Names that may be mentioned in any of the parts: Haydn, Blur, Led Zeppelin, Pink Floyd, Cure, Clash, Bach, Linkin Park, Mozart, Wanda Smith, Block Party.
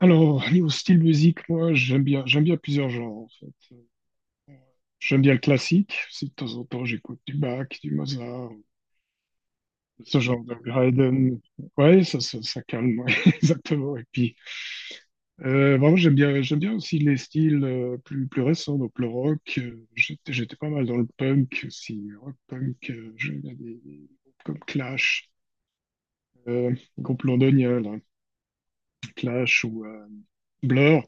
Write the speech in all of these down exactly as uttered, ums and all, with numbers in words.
Alors, lié au style musique, moi, j'aime bien, j'aime bien plusieurs genres, en fait. J'aime bien le classique. Si de temps en temps, j'écoute du Bach, du Mozart, ce genre de Haydn. Ouais, ça, ça, ça calme, ouais, exactement. Et puis, euh, vraiment, j'aime bien, j'aime bien aussi les styles euh, plus, plus récents, donc le rock. euh, J'étais, j'étais pas mal dans le punk aussi. Rock punk, euh, j'aime bien des, des groupes comme Clash, euh, groupe londonien, là, Clash ou euh, Blur.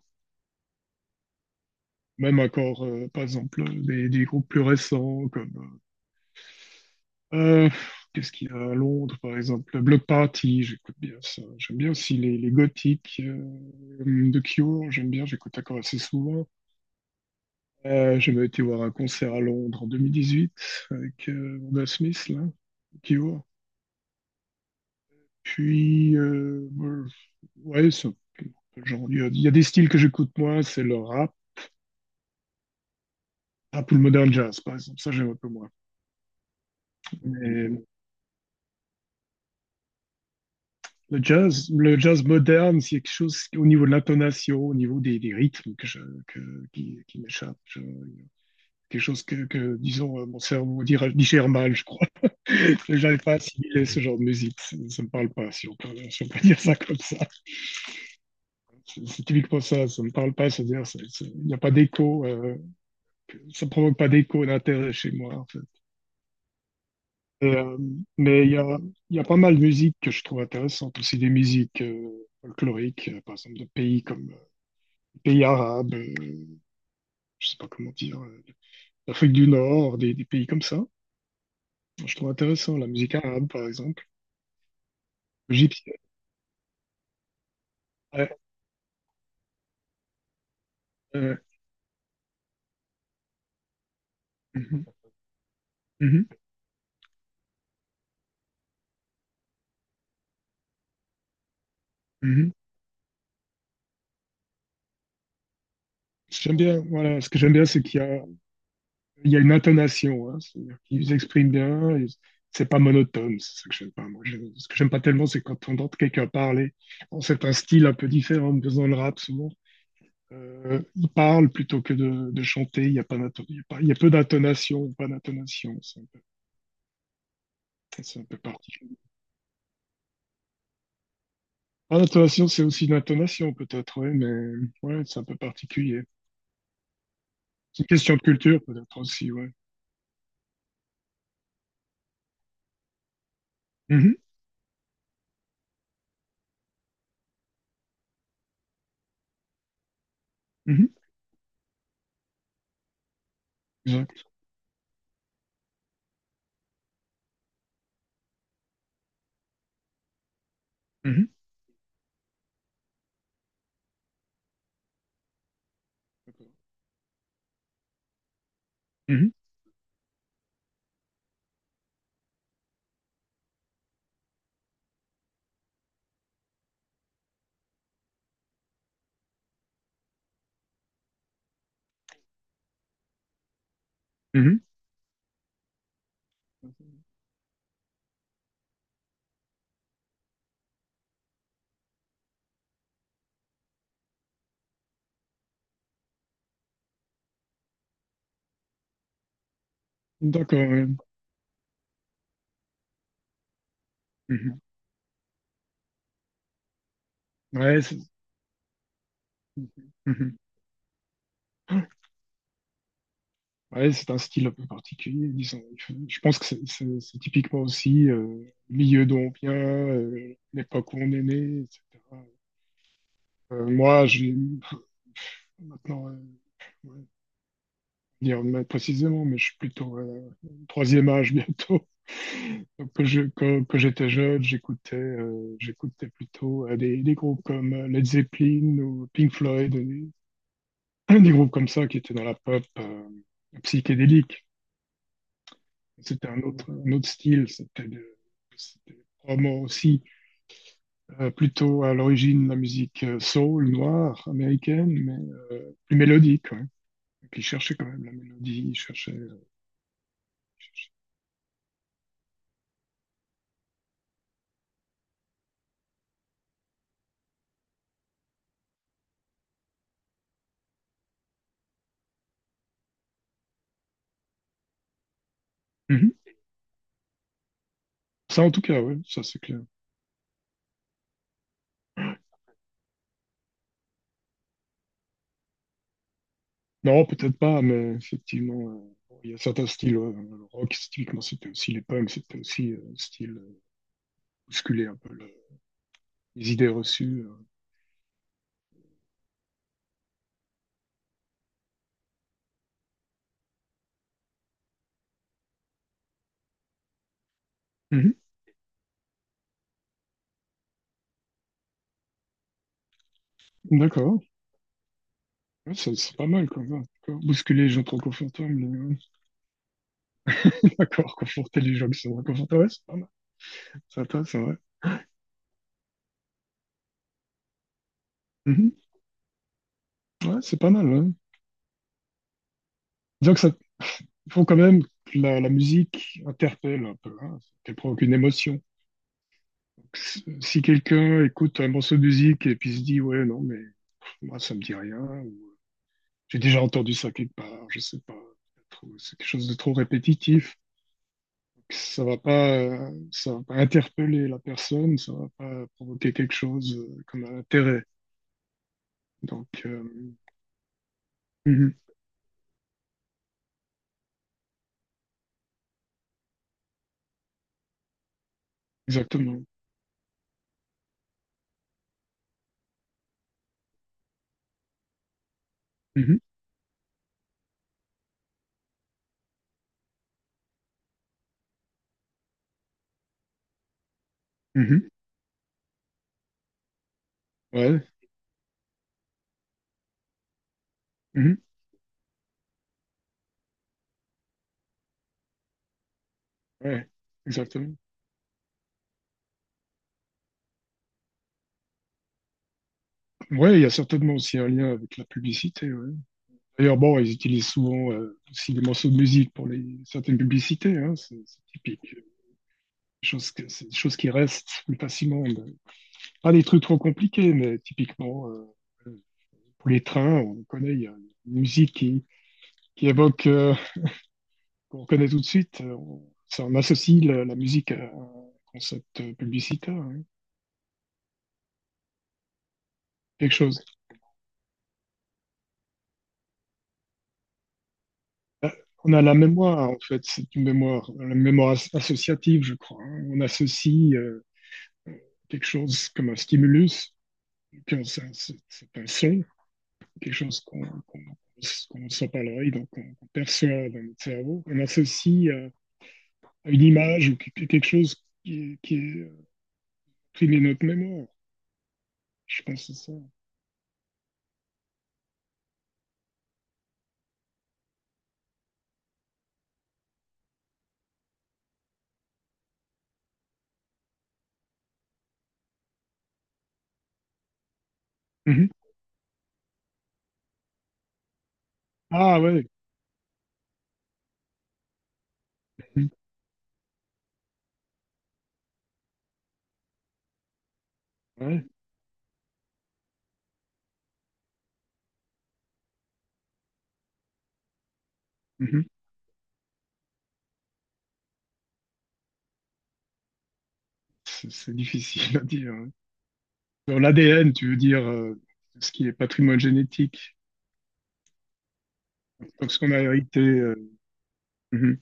Même encore, euh, par exemple, des, des groupes plus récents comme Euh, qu'est-ce qu'il y a à Londres, par exemple? Le Block Party, j'écoute bien ça. J'aime bien aussi les, les gothiques euh, de Cure, j'aime bien, j'écoute encore assez souvent. Euh, j'avais été voir un concert à Londres en deux mille dix-huit avec euh, Wanda Smith, là, Cure. Puis, euh, bon, ouais, c'est un peu- un peu genre, il y a, il y a des styles que j'écoute moins, c'est le rap, rap ou le modern jazz, par exemple. Ça, j'aime un peu moins. Le jazz, le jazz moderne, c'est quelque chose au niveau de l'intonation, au niveau des, des rythmes que je, que, qui, qui m'échappe. Je- Quelque chose que, que, disons, euh, mon cerveau dira- digère mal, je crois. J'arrive pas à assimiler ce genre de musique. Ça, ne me parle pas, si on peut, si on peut dire ça comme ça. C'est c'est typiquement ça, ça me parle pas, c'est-à-dire, c'est- c'est- il n'y a pas d'écho, euh, ça provoque pas d'écho d'intérêt chez moi, en fait. Et, euh, mais il y a, il y a pas mal de musique que je trouve intéressante, aussi des musiques euh, folkloriques, euh, par exemple de pays comme pays arabes, euh, je sais pas comment dire, euh, l'Afrique du Nord, des, des pays comme ça. Je trouve intéressant la musique arabe, par exemple, égyptienne. Ouais, ouais. Mhm, mhm, mhm. J'aime bien, voilà, ce que j'aime bien, c'est qu'il y a, il y a une intonation, hein, c'est-à-dire qu'ils expriment bien, et c'est pas monotone, c'est ça que j'aime pas. Moi, J'aime- ce que j'aime pas tellement, c'est quand on entend quelqu'un parler. Bon, c'est un style un peu différent, mais dans le rap, souvent, euh, il parle plutôt que de, de chanter, il y a pas d'inton- il y a pas- il y a peu d'intonation, pas d'intonation. C'est un peu particulier. Ah, l'intonation, c'est aussi une intonation, peut-être, ouais, mais ouais, c'est un peu particulier. C'est une question de culture, peut-être aussi, ouais. Mhm, mhm, exact. Mhm, mhm, mhm. D'accord, ouais. Mhm. Ouais, c'est mhm. Ouais, c'est un style un peu particulier, disons. Je je pense que c'est c'est- c'est typiquement aussi euh, le milieu dont on vient, euh, l'époque où on est né, et cetera. Euh, moi, j'ai maintenant. euh, ouais, dire mais précisément, mais je suis plutôt euh, troisième âge bientôt. Donc, quand je, quand, quand j'étais jeune, j'écoutais euh, j'écoutais plutôt euh, des, des groupes comme euh, Led Zeppelin ou Pink Floyd, des, des groupes comme ça qui étaient dans la pop euh, psychédélique. C'était un autre, un autre style, c'était de- c'était probablement aussi euh, plutôt à l'origine de la musique euh, soul, noire, américaine, mais euh, plus mélodique. Ouais. Et puis ils cherchaient quand même la mélodie, ils cherchaient. Mhm. Ça, en tout cas, ouais, ça c'est clair. Non, peut-être pas, mais effectivement, euh, bon, il y a certains styles. Ouais, le rock, c'est typiquement, c'était aussi les punks, c'était aussi euh, style euh, bousculer un peu le- les idées reçues. euh. Mhm. D'accord. Ouais, ça- c'est pas mal quand même. D'accord. Bousculer les gens trop confortables. euh, D'accord, conforter les gens qui sont inconfortables. Ouais, c'est pas mal. C'est pas- C'est vrai. Mhm. Ouais, c'est pas mal, hein. Disons que ça, il faut quand même que la, la musique interpelle un peu, hein, qu'elle provoque une émotion. Si quelqu'un écoute un morceau de musique et puis se dit, ouais, non, mais pff, moi, ça me dit rien, ou j'ai déjà entendu ça quelque part, je sais pas, trop- c'est quelque chose de trop répétitif, ça va pas, euh, ça va pas interpeller la personne, ça va pas provoquer quelque chose euh, comme un intérêt. Donc, euh, mhm, exactement. Mhm, mhm, ouais, mhm, ouais, exactement. Ouais, il y a certainement aussi un lien avec la publicité. Ouais. D'ailleurs, bon, ils utilisent souvent euh, aussi des morceaux de musique pour les certaines publicités. Hein, c'est c'est typique. euh, Des choses, que, c'est des choses qui restent plus facilement. Mais pas des trucs trop compliqués, mais typiquement euh, euh, pour les trains, on connaît, il y a une musique qui, qui évoque, euh, qu'on connaît tout de suite. euh, On, ça, on associe la, la musique à un concept euh, publicitaire, hein, quelque chose. On a la mémoire, en fait, c'est une mémoire, la mémoire as- associative, je crois, hein. On associe. Euh, quelque chose comme un stimulus, que ça- c'est un son, quelque chose qu'on qu'on sent par l'oreille, donc qu'on perçoit dans notre cerveau, on associe euh, à une image ou quelque chose qui est, qui est euh, pris de notre mémoire. Je pense que c'est ça. Mhm. Ah ouais. Mhm. Ouais. Mhm. C'est c'est difficile à dire, hein. Dans l'A D N, tu veux dire euh, ce qui est patrimoine génétique, donc ce qu'on a hérité, euh, mhm.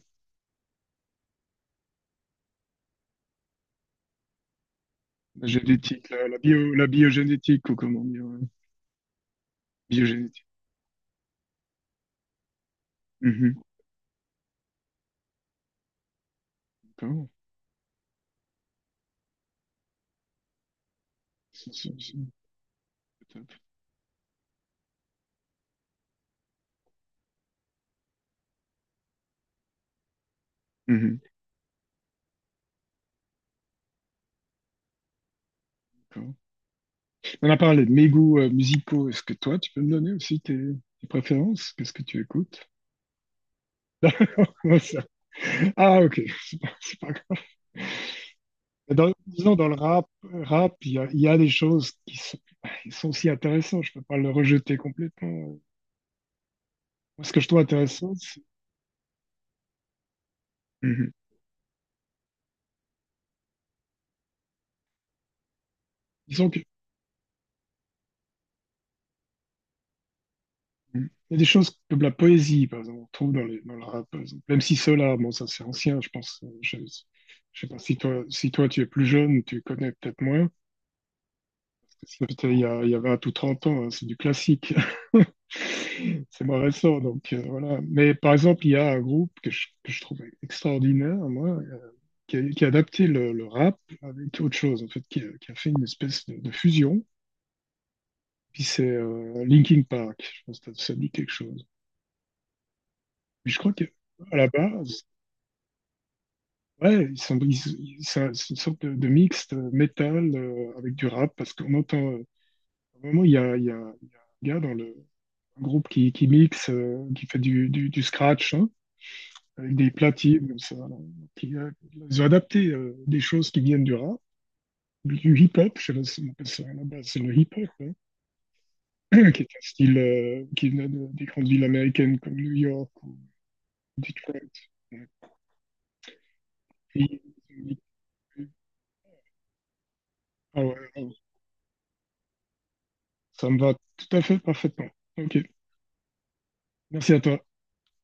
La génétique, la, la bio, la biogénétique, ou comment dire, ouais. Biogénétique. Mhm. D'accord. C'est- c'est- c'est c'est top. Mhm. D'accord. On a parlé de mes goûts euh, musicaux. Est-ce que toi, tu peux me donner aussi tes, tes préférences? Qu'est-ce que tu écoutes? Ça. Ah, ok. C'est pas grave. Dans, disons, dans le rap, rap, il y a, il y a des choses qui sont, qui sont aussi intéressantes. Je peux pas le rejeter complètement. Moi, ce que je trouve intéressant, c'est. Mhm. Disons que il y a des choses comme la poésie, par exemple, on trouve dans, les, dans le rap, par exemple. Même si Solar, bon, ça c'est ancien, je pense. euh, Je, je sais pas si toi, si toi, tu es plus jeune, tu connais peut-être moins. C'est peut-être il y a, il y a vingt ou trente ans, hein, c'est du classique. C'est moins récent, donc euh, voilà. Mais par exemple, il y a un groupe que je, que je trouve extraordinaire, moi, euh, qui a, qui a adapté le, le rap avec autre chose, en fait, qui a, qui a fait une espèce de, de fusion. Puis c'est euh, Linkin Park, je pense que ça te dit quelque chose. Puis je crois que à la base, ouais, ils sont, ils- ils- ça- c'est une sorte de, de mixte euh, métal euh, avec du rap parce qu'on entend. Euh, à un moment, il y a, il y a, il y a un gars dans le un groupe qui, qui mixe, euh, qui fait du, du, du scratch, hein, avec des platines comme ça, là, qui, euh, ils ont adapté euh, des choses qui viennent du rap, du hip-hop. Je sais pas si on appelle ça là-bas, c'est le hip-hop, hein, qui est un style euh, qui venait de- des grandes villes américaines comme New York ou Detroit. Ouais. Puis, ah ouais, ouais, ça me va tout à fait parfaitement. Ok. Merci à toi.